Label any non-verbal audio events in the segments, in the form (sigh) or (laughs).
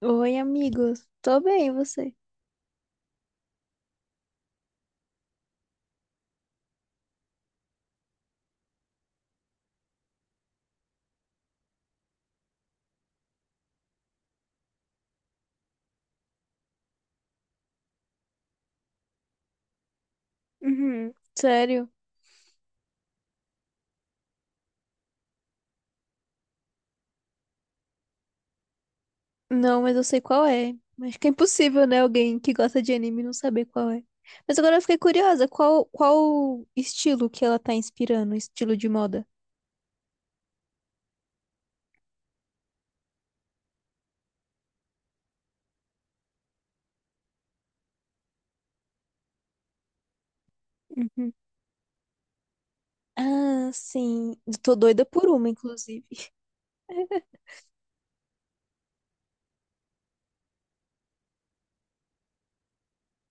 Oi, amigos. Tô bem, e você? Uhum. Sério? Não, mas eu sei qual é. Acho que é impossível, né? Alguém que gosta de anime não saber qual é. Mas agora eu fiquei curiosa, qual estilo que ela tá inspirando? Estilo de moda? Uhum. Ah, sim. Eu tô doida por uma, inclusive.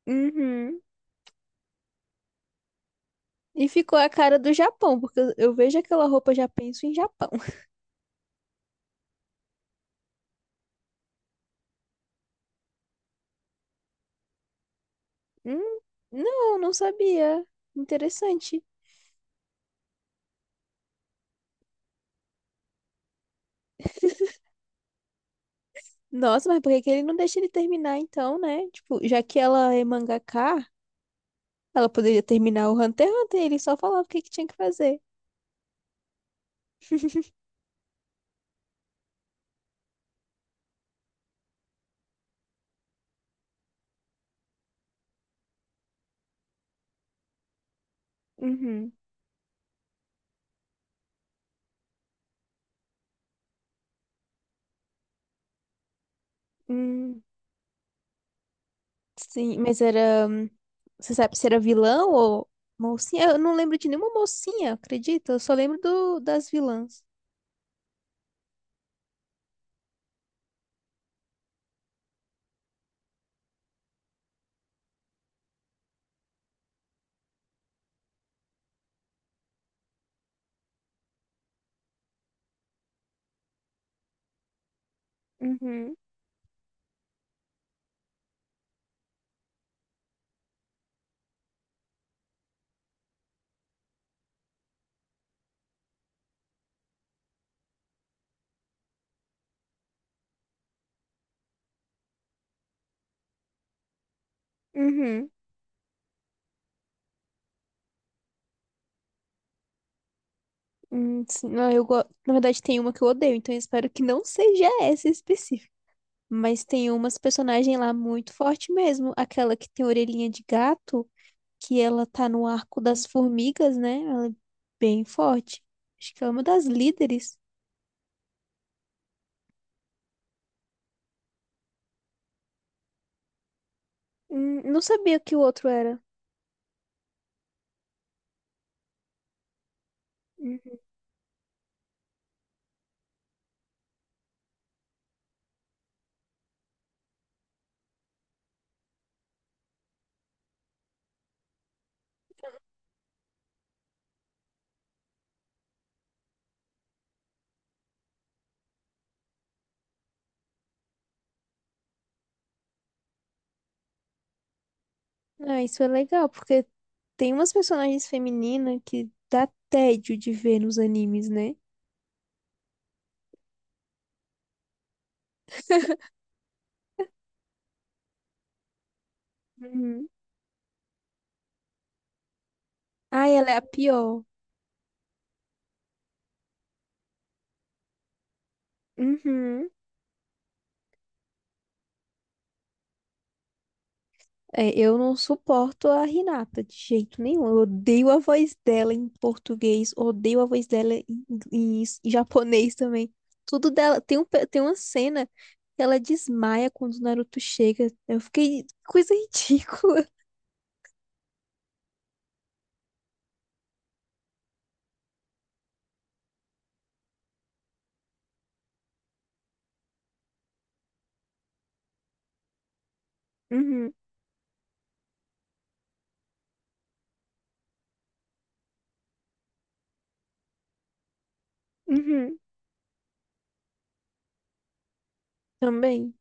Uhum. E ficou a cara do Japão, porque eu vejo aquela roupa, já penso em Japão. (laughs) Hum, não, não sabia. Interessante. Nossa, mas por que que ele não deixa ele terminar então, né? Tipo, já que ela é mangaka, ela poderia terminar o Hunter x Hunter, ele só falava o que que tinha que fazer. (laughs) Uhum. Hum, sim, mas era. Você sabe se era vilão ou mocinha? Eu não lembro de nenhuma mocinha, acredita? Eu só lembro do, das vilãs. Uhum. Uhum. Sim, não, na verdade, tem uma que eu odeio, então eu espero que não seja essa específica. Mas tem umas personagens lá muito forte mesmo. Aquela que tem orelhinha de gato, que ela tá no arco das formigas, né? Ela é bem forte. Acho que ela é uma das líderes. Não sabia que o outro era. Uhum. Ah, isso é legal, porque tem umas personagens femininas que dá tédio de ver nos animes, né? Uhum. Ah, ela é a pior. Uhum. É, eu não suporto a Renata de jeito nenhum. Eu odeio a voz dela em português, odeio a voz dela em, em japonês também. Tudo dela. Tem uma cena que ela desmaia quando o Naruto chega. Eu fiquei. Coisa (laughs) ridícula. Uhum, uhum. Também.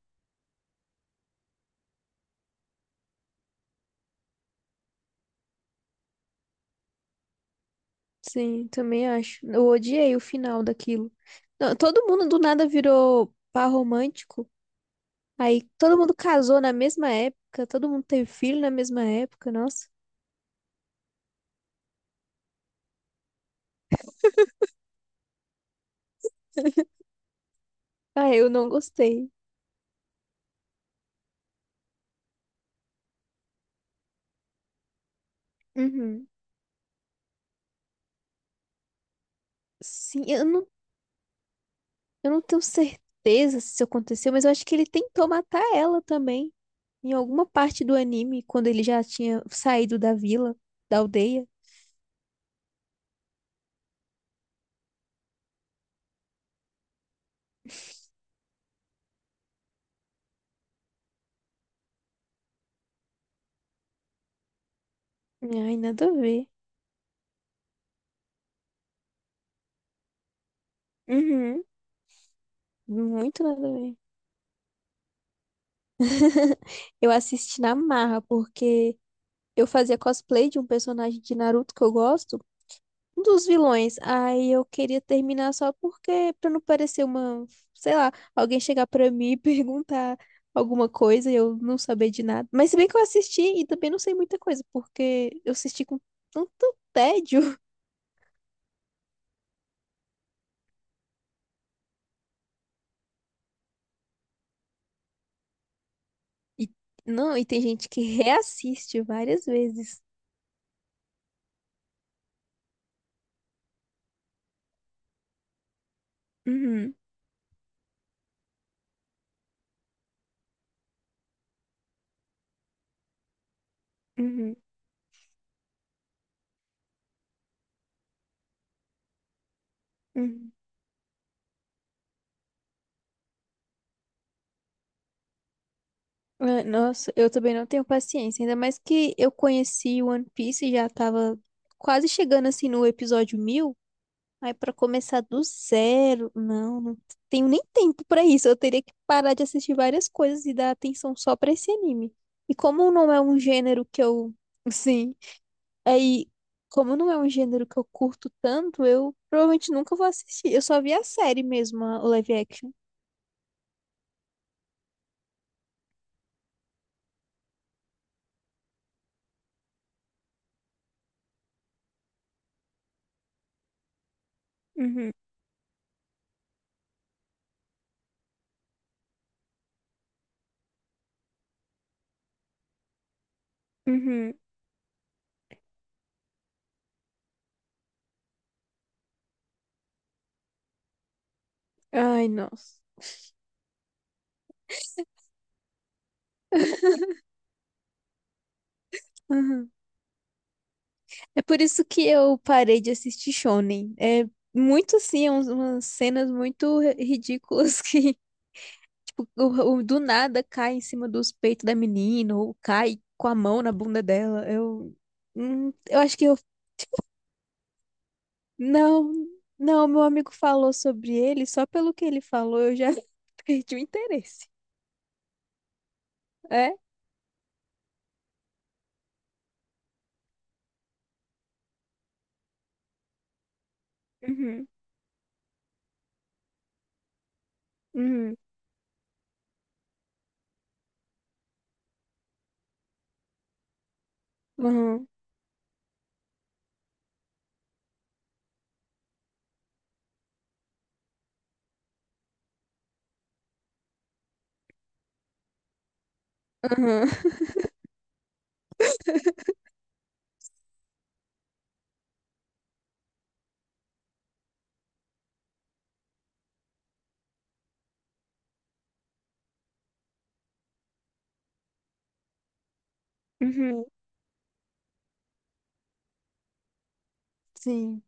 Sim, também acho. Eu odiei o final daquilo. Não, todo mundo do nada virou par romântico. Aí todo mundo casou na mesma época, todo mundo teve filho na mesma época. Nossa. Ah, eu não gostei. Uhum. Sim, eu não tenho certeza se isso aconteceu, mas eu acho que ele tentou matar ela também. Em alguma parte do anime, quando ele já tinha saído da vila, da aldeia. Ai, nada a ver. Uhum. Muito nada a ver. (laughs) Eu assisti na marra, porque eu fazia cosplay de um personagem de Naruto que eu gosto, um dos vilões. Aí eu queria terminar só porque, pra não parecer uma, sei lá, alguém chegar pra mim e (laughs) perguntar alguma coisa e eu não saber de nada. Mas se bem que eu assisti e também não sei muita coisa, porque eu assisti com tanto tédio. (laughs) E, não, e tem gente que reassiste várias vezes. Uhum, uhum, uhum. Ah, nossa, eu também não tenho paciência, ainda mais que eu conheci One Piece e já tava quase chegando assim no episódio mil. Aí pra começar do zero, não, não tenho nem tempo pra isso. Eu teria que parar de assistir várias coisas e dar atenção só pra esse anime. E como não é um gênero que eu, (laughs) sim, aí como não é um gênero que eu curto tanto, eu provavelmente nunca vou assistir. Eu só vi a série mesmo, o live action. Uhum, uhum. Ai, nossa. (laughs) Uhum. É por isso que eu parei de assistir Shonen. É muito assim, é umas cenas muito ridículas (laughs) que do nada cai em cima dos peitos da menina, ou cai com a mão na bunda dela. Eu acho que eu. Não, não, meu amigo falou sobre ele, só pelo que ele falou eu já (laughs) perdi o interesse. É? Uhum, uhum, uhum, uhum, uhum, sim,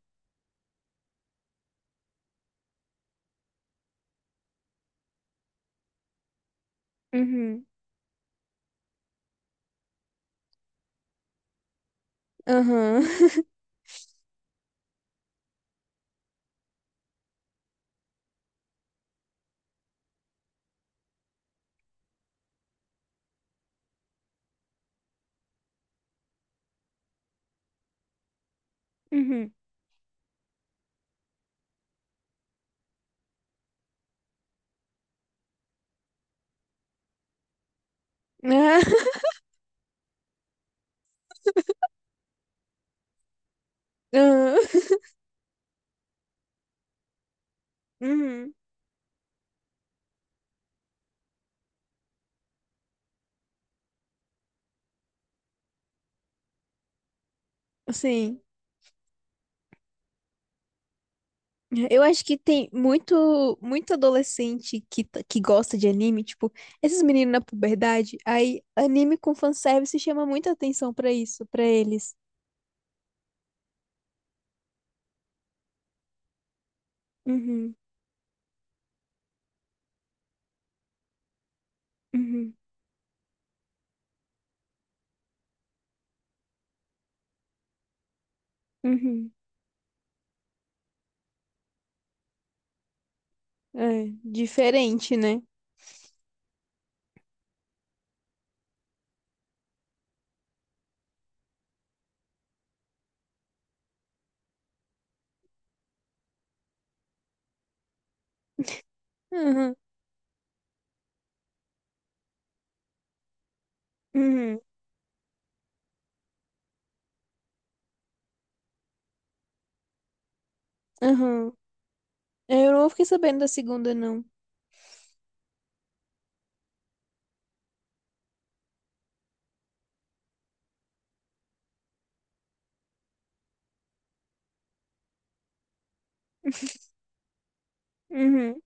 uhum, uhum, (laughs) uhum, ah, uhum, uhum, sim. Eu acho que tem muito, muito adolescente que, que gosta de anime, tipo, esses meninos na puberdade, aí anime com fanservice chama muita atenção pra isso, pra eles. Uhum, uhum, uhum. É, diferente, né? Uhum, uhum, uhum. Eu não fiquei sabendo da segunda, não. Uhum.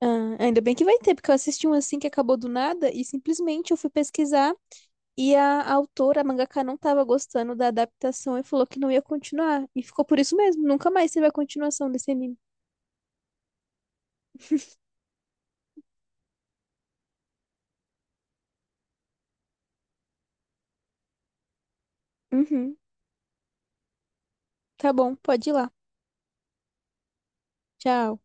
Ah, ainda bem que vai ter, porque eu assisti um assim que acabou do nada e simplesmente eu fui pesquisar. E a autora, a mangaka, não estava gostando da adaptação e falou que não ia continuar. E ficou por isso mesmo. Nunca mais teve a continuação desse anime. Uhum. Tá bom, pode ir lá. Tchau.